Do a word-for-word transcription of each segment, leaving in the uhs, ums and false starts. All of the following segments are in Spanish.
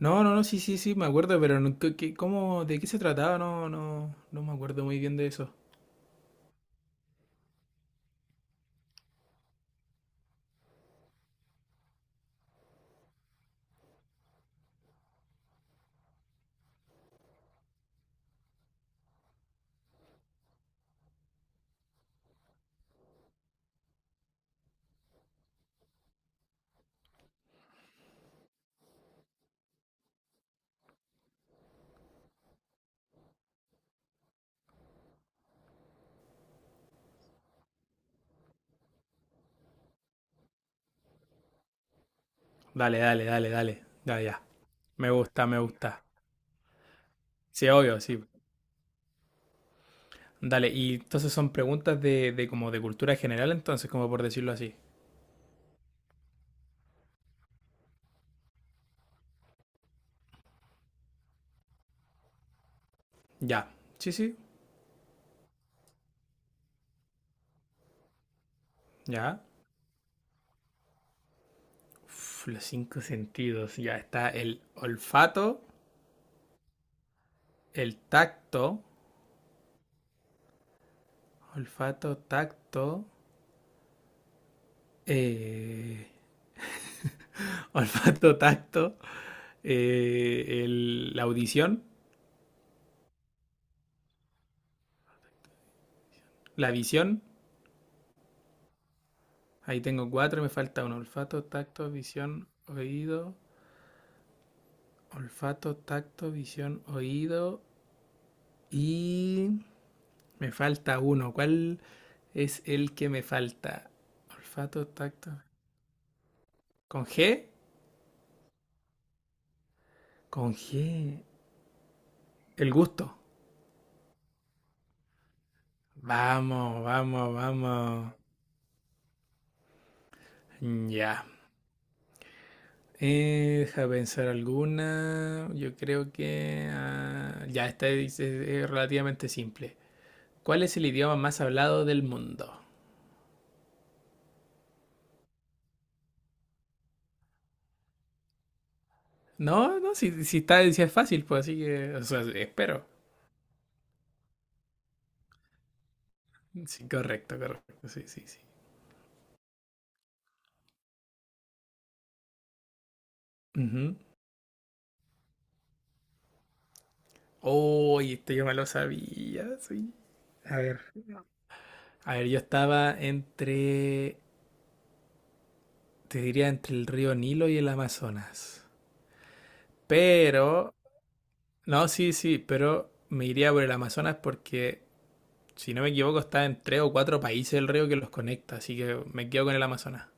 No, no, no, sí, sí, sí, me acuerdo, pero no- ¿qué- qué- cómo, de qué se trataba? No, no, no me acuerdo muy bien de eso. Dale, dale, dale, dale. Ya, ya. Me gusta, me gusta. Sí, obvio, sí. Dale, y entonces son preguntas de, de como de cultura general, entonces, como por decirlo así. Ya. Sí, sí, ya. Uf, los cinco sentidos. Ya está el olfato, el tacto, olfato, tacto, eh, olfato, tacto, eh, el- la audición. La visión, ahí tengo cuatro, me falta uno. Olfato, tacto, visión, oído. Olfato, tacto, visión, oído. Y me falta uno. ¿Cuál es el que me falta? Olfato, tacto. ¿Con G? Con G. El gusto. Vamos, vamos, vamos. Ya. Eh, deja pensar alguna. Yo creo que ah, ya, esta es, es- es relativamente simple. ¿Cuál es el idioma más hablado del mundo? No, no, si, si está, si es fácil, pues así que, o sea, espero. Sí, correcto, correcto, sí, sí, sí. Ujú. Uy, este yo me lo sabía, sí. A ver. A ver, yo estaba entre, te diría, entre el río Nilo y el Amazonas. Pero, no, sí, sí, pero me iría por el Amazonas porque, si no me equivoco, está en tres o cuatro países el río que los conecta, así que me quedo con el Amazonas.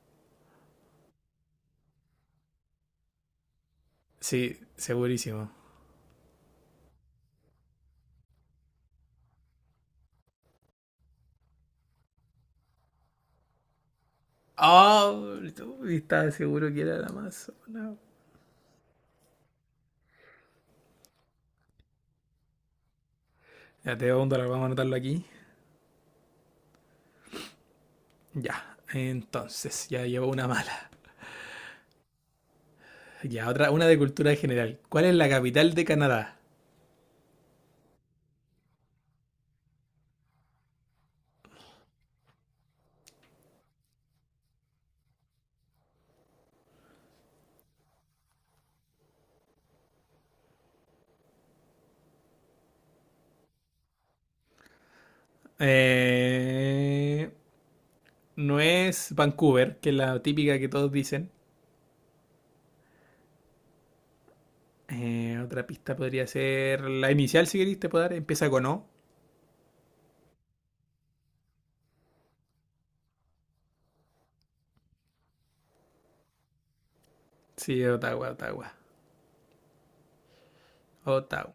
Sí, segurísimo. Ah, ¿tú estaba seguro que era la Amazona? Ya te voy a dólar, vamos a anotarlo aquí. Ya, entonces, ya llevo una mala. Ya, otra, una de cultura general. ¿Cuál es la capital de Canadá? Eh, no es Vancouver, que es la típica que todos dicen. Eh, otra pista podría ser la inicial, si queréis, te puedo dar. Empieza con O. Sí, Ottawa, Ottawa. Ottawa.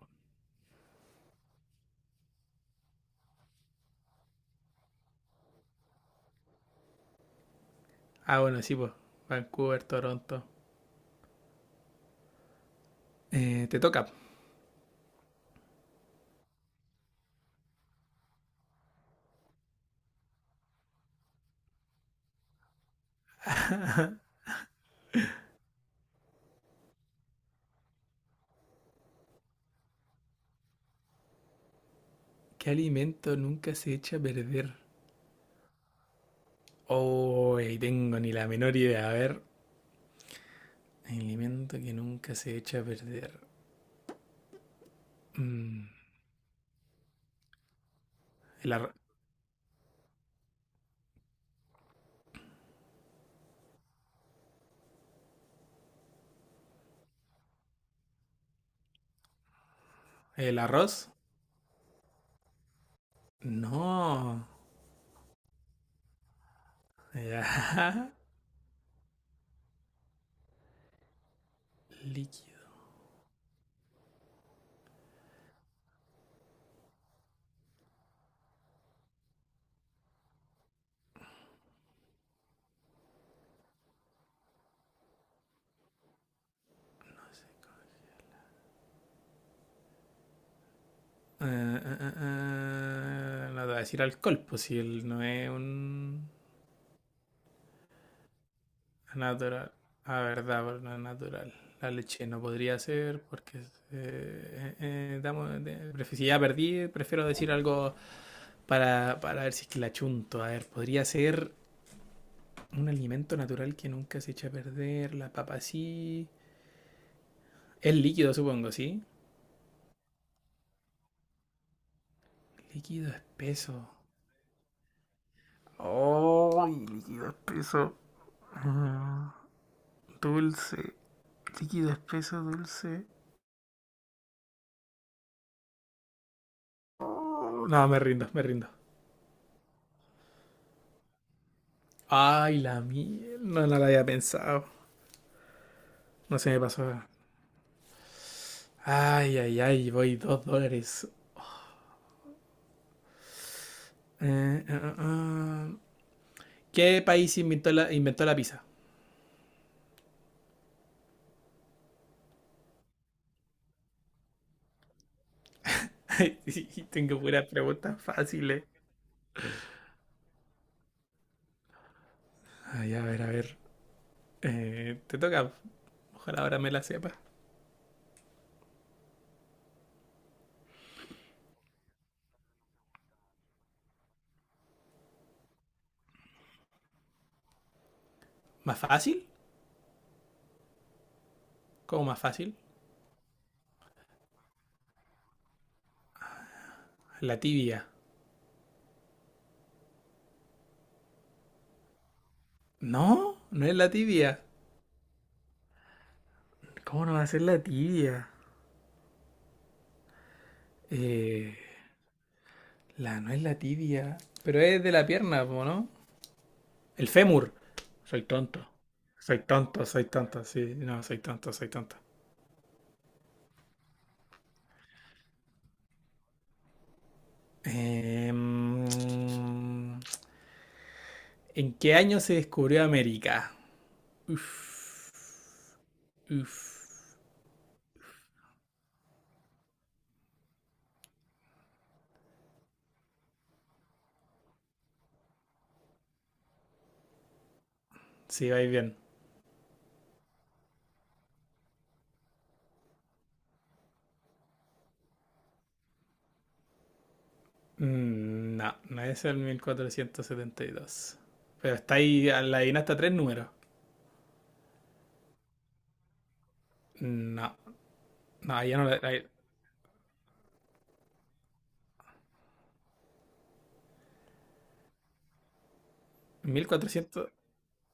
Ah, bueno, sí, pues. Vancouver, Toronto. Eh, te toca. ¿Qué alimento nunca se echa a perder? Oh, tengo ni la menor idea. A ver, alimento que nunca se echa a perder. Mm, ¿El, ar- el arroz? No. Ya. Líquido. Eh, eh, eh, eh, no te voy a decir alcohol, pues si él no es un natural. Ah, verdad, pero no es natural. La leche no podría ser porque eh, eh, eh, damos- de- pref- si ya perdí, prefiero decir algo para, para ver si es que la chunto. A ver, podría ser un alimento natural que nunca se echa a perder. La papa sí. Es líquido, supongo, ¿sí? Líquido espeso. ¡Oh! Líquido espeso. Ah, dulce. Líquido espeso, dulce. Oh, no, me rindo, me rindo. Ay, la miel. No, no la había pensado. No se me pasó. Ay, ay, ay, voy dos dólares. Eh, ah, ah, ah. ¿Qué país inventó la, inventó la pizza? Tengo puras preguntas fáciles. Ay, a ver, a ver. Eh, te toca. Ojalá ahora me la sepas. ¿Más fácil? ¿Cómo más fácil? La tibia. No, no es la tibia. ¿Cómo no va a ser la tibia? Eh, la no es la tibia. Pero es de la pierna, po, ¿no? El fémur. Soy tonto. Soy tonto, soy tonto. Sí, no, soy tonto, soy tonto. Eh, mm, ¿En qué año se descubrió América? Uf, uf. Sí, vais bien. Mm, No, no es el mil cuatrocientos setenta y dos. Pero está ahí, la adivinaste a tres números. No, no, ya no la... ahí- mil cuatrocientos...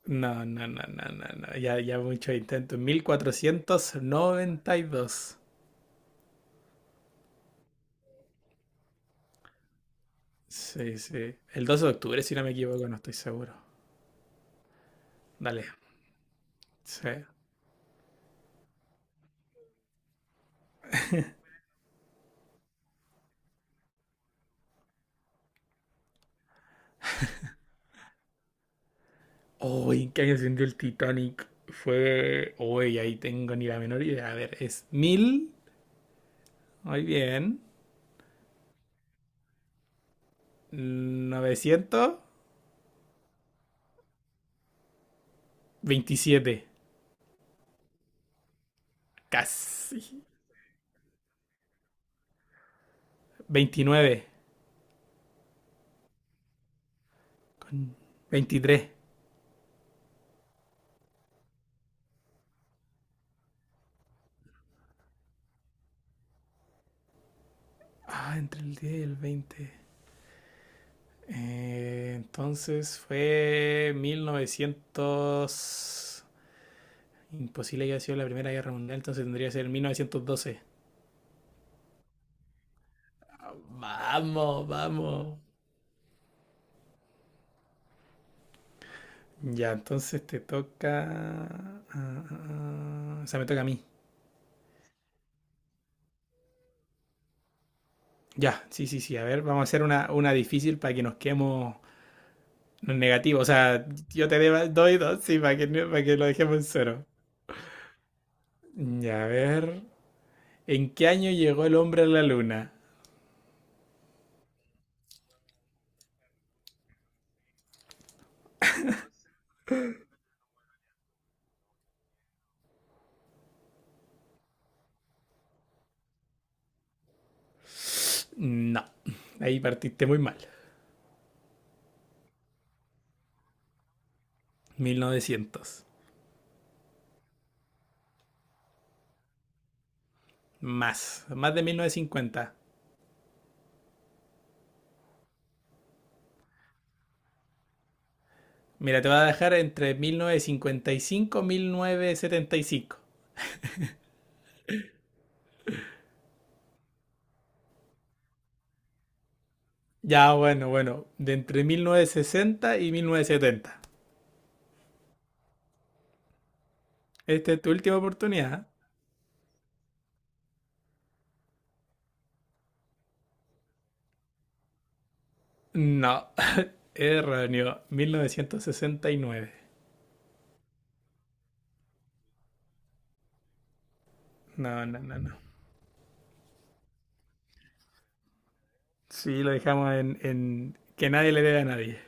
No, no, no, no, no, no. Ya, ya muchos intentos. Mil cuatrocientos noventa y dos. Sí, sí. El doce de octubre, si no me equivoco, no estoy seguro. Dale. Sí. Uy, ¿en ¿qué año se hundió el Titanic? Fue... Uy, ahí tengo ni la menor idea. A ver, es mil. Muy bien. Novecientos veintisiete. Casi. Veintinueve. Con veintitrés. Ah, entre el diez y el veinte. Eh, entonces fue mil novecientos. Imposible que haya sido la Primera Guerra Mundial, entonces tendría que ser mil novecientos doce. Vamos, vamos. Ya, entonces te toca. ah, ah, ah, o sea, me toca a mí. Ya, sí, sí, sí. A ver, vamos a hacer una, una difícil para que nos quedemos negativos. O sea, yo te deba- doy dos, sí, para que, no- para que lo dejemos en cero. Y a ver, ¿en qué año llegó el hombre a la luna? No, ahí partiste muy mal. mil novecientos. Más, más de mil novecientos cincuenta. Mira, te voy a dejar entre mil novecientos cincuenta y cinco y mil novecientos setenta y cinco. Ya, bueno, bueno, de entre mil novecientos sesenta y mil novecientos setenta. Esta es tu última oportunidad. No, erróneo, mil novecientos sesenta y nueve. No, no, no, no. Sí, lo dejamos en, en que nadie le debe a nadie.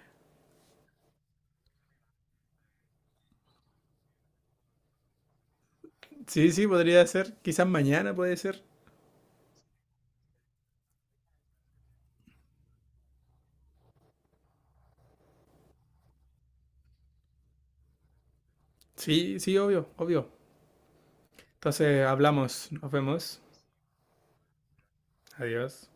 Sí, sí, podría ser. Quizás mañana puede ser. Sí, sí, obvio, obvio. Entonces hablamos, nos vemos. Adiós.